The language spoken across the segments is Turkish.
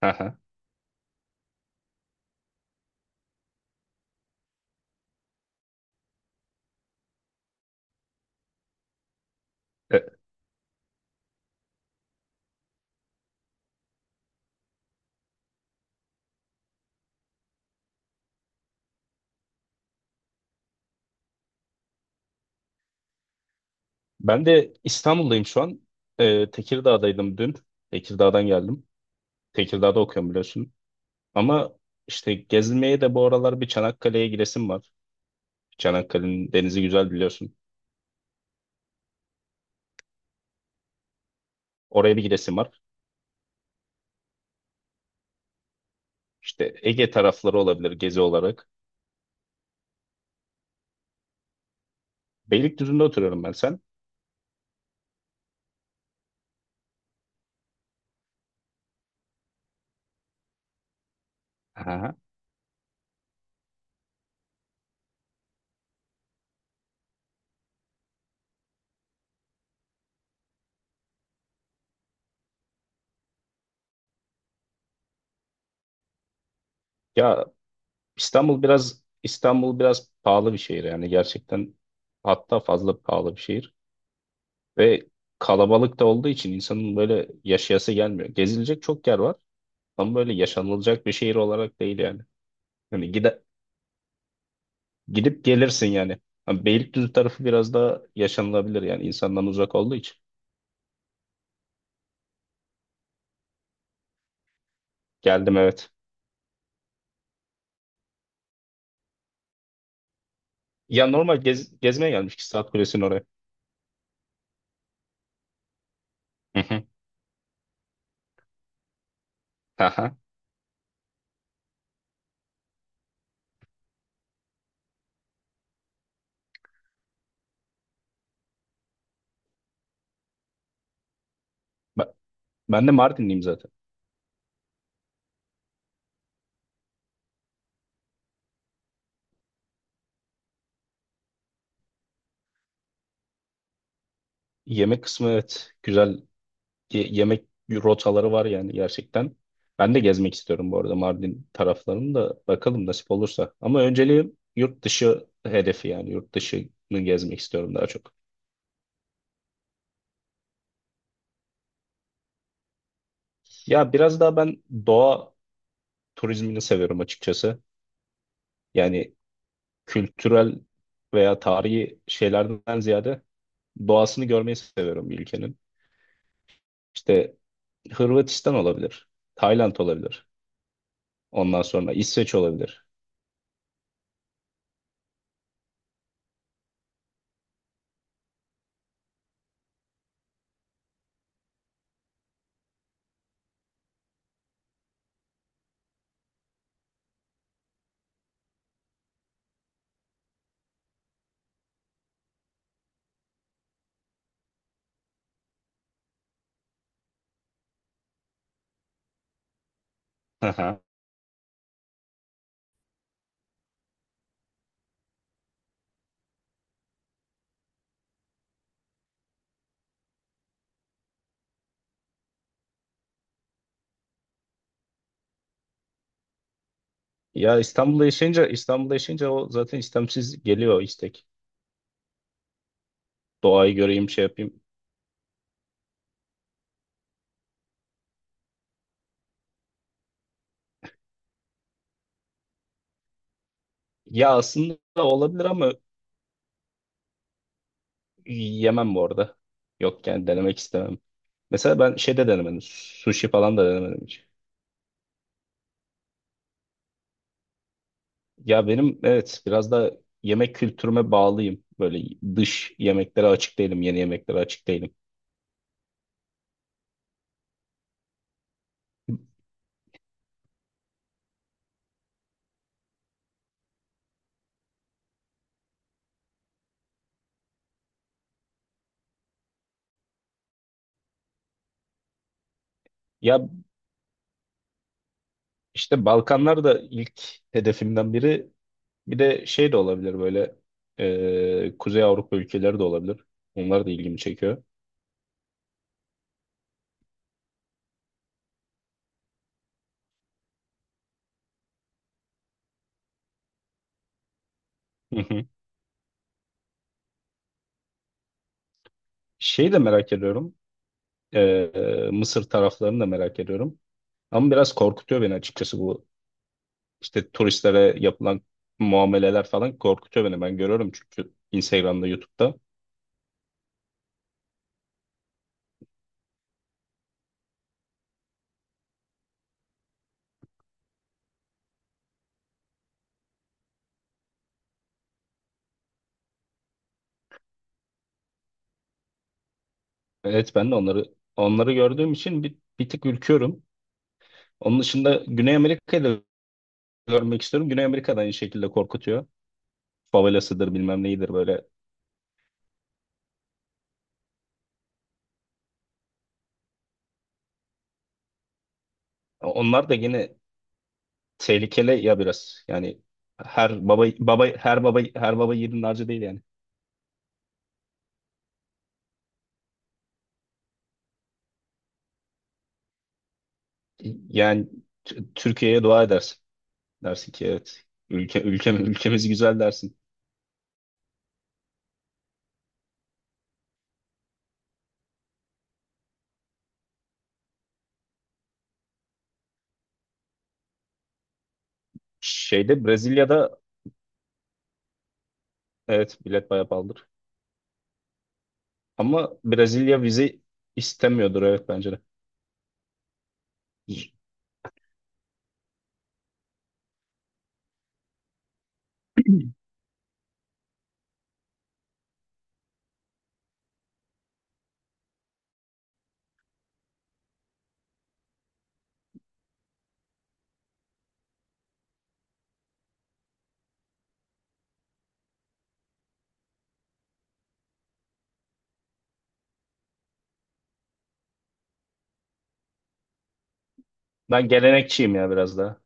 Aha. E, Ben de İstanbul'dayım şu an. Tekirdağ'daydım dün. Tekirdağ'dan geldim. Tekirdağ'da okuyorum biliyorsun. Ama işte gezilmeye de bu aralar bir Çanakkale'ye gidesim var. Çanakkale'nin denizi güzel biliyorsun. Oraya bir gidesim var. İşte Ege tarafları olabilir gezi olarak. Beylikdüzü'nde oturuyorum ben sen. Aha. Ya İstanbul biraz pahalı bir şehir yani, gerçekten hatta fazla pahalı bir şehir ve kalabalık da olduğu için insanın böyle yaşayası gelmiyor. Gezilecek çok yer var. Ama böyle yaşanılacak bir şehir olarak değil yani. Hani gidip gelirsin yani. Hani Beylikdüzü tarafı biraz daha yaşanılabilir yani, insandan uzak olduğu için. Geldim, evet. Ya normal gezmeye gelmiştik, Saat Kulesi'nin oraya. Hı hı. Aha. Ben, ben de Mardinliyim zaten. Yemek kısmı evet güzel. Yemek rotaları var yani, gerçekten. Ben de gezmek istiyorum bu arada Mardin taraflarını da, bakalım nasip olursa. Ama önceliğim yurt dışı hedefi, yani yurt dışını gezmek istiyorum daha çok. Ya biraz daha ben doğa turizmini seviyorum açıkçası. Yani kültürel veya tarihi şeylerden ziyade doğasını görmeyi seviyorum bir ülkenin. İşte Hırvatistan olabilir, Tayland olabilir. Ondan sonra İsveç olabilir. Aha. Ya İstanbul'da yaşayınca o zaten istemsiz geliyor o istek. Doğayı göreyim, şey yapayım. Ya aslında olabilir ama yemem bu arada. Yok yani, denemek istemem. Mesela ben şeyde denemedim. Sushi falan da denemedim hiç. Ya benim evet, biraz da yemek kültürüme bağlıyım. Böyle dış yemeklere açık değilim, yeni yemeklere açık değilim. Ya işte Balkanlar da ilk hedefimden biri. Bir de şey de olabilir, böyle Kuzey Avrupa ülkeleri de olabilir. Onlar da ilgimi çekiyor. Hı hı. Şey de merak ediyorum. Mısır taraflarını da merak ediyorum. Ama biraz korkutuyor beni açıkçası, bu işte turistlere yapılan muameleler falan korkutuyor beni. Ben görüyorum çünkü, Instagram'da, YouTube'da. Evet, ben de onları gördüğüm için bir tık ürküyorum. Onun dışında Güney Amerika'yı da görmek istiyorum. Güney Amerika da aynı şekilde korkutuyor. Favelasıdır bilmem neyidir böyle. Onlar da yine tehlikeli ya biraz. Yani her baba baba her baba her baba yiğidin harcı değil yani. Yani Türkiye'ye dua edersin. Dersin ki, evet. Ülkemiz güzel dersin. Brezilya'da evet, bilet bayağı pahalıdır. Ama Brezilya vize istemiyordur, evet, bence de. Ben gelenekçiyim ya, biraz daha.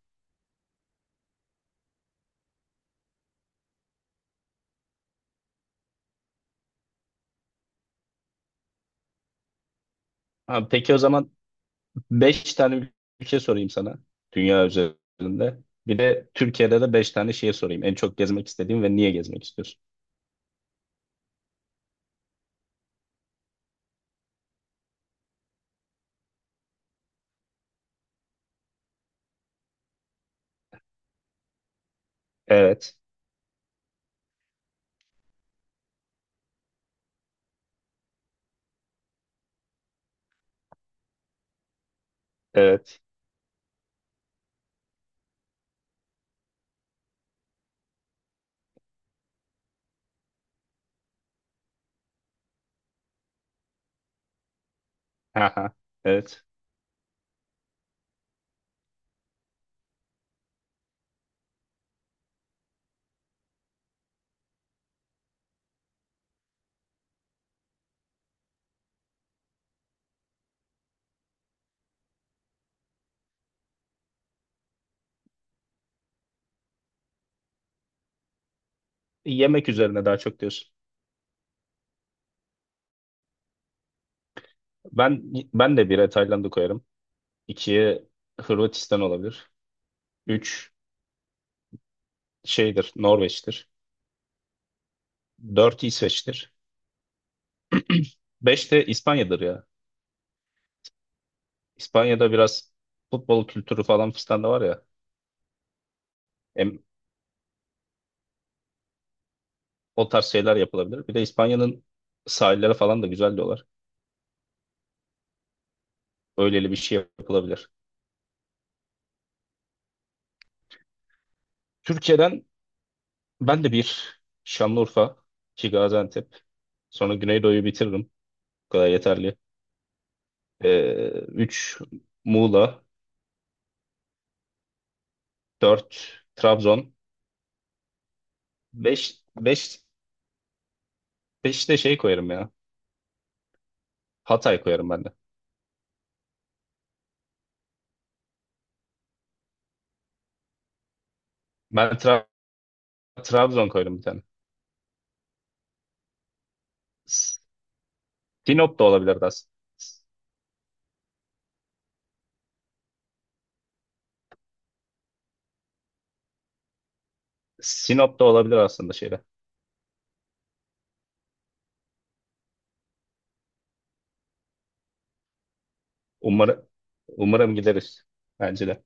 Ha, peki o zaman beş tane ülke sorayım sana, dünya üzerinde. Bir de Türkiye'de de beş tane şehir sorayım. En çok gezmek istediğin ve niye gezmek istiyorsun? Evet, evet, haha, evet. Yemek üzerine daha çok diyorsun. Ben ben de bire Tayland'ı koyarım. İkiye Hırvatistan olabilir. Üç şeydir, Norveç'tir. Dört İsveç'tir. Beş de İspanya'dır ya. İspanya'da biraz futbol kültürü falan fistan da var ya. Hem o tarz şeyler yapılabilir. Bir de İspanya'nın sahilleri falan da güzel diyorlar. Öyleli bir şey yapılabilir. Türkiye'den ben de bir Şanlıurfa, iki Gaziantep, sonra Güneydoğu'yu bitiririm. Bu kadar yeterli. Üç Muğla, dört Trabzon, beş, beş, beş de şey koyarım ya. Hatay koyarım ben de. Ben Trabzon koyarım bir tane. S- Sinop da olabilir aslında. Sinop da olabilir aslında şeyde. Umarım, Umarım gideriz. Bence de.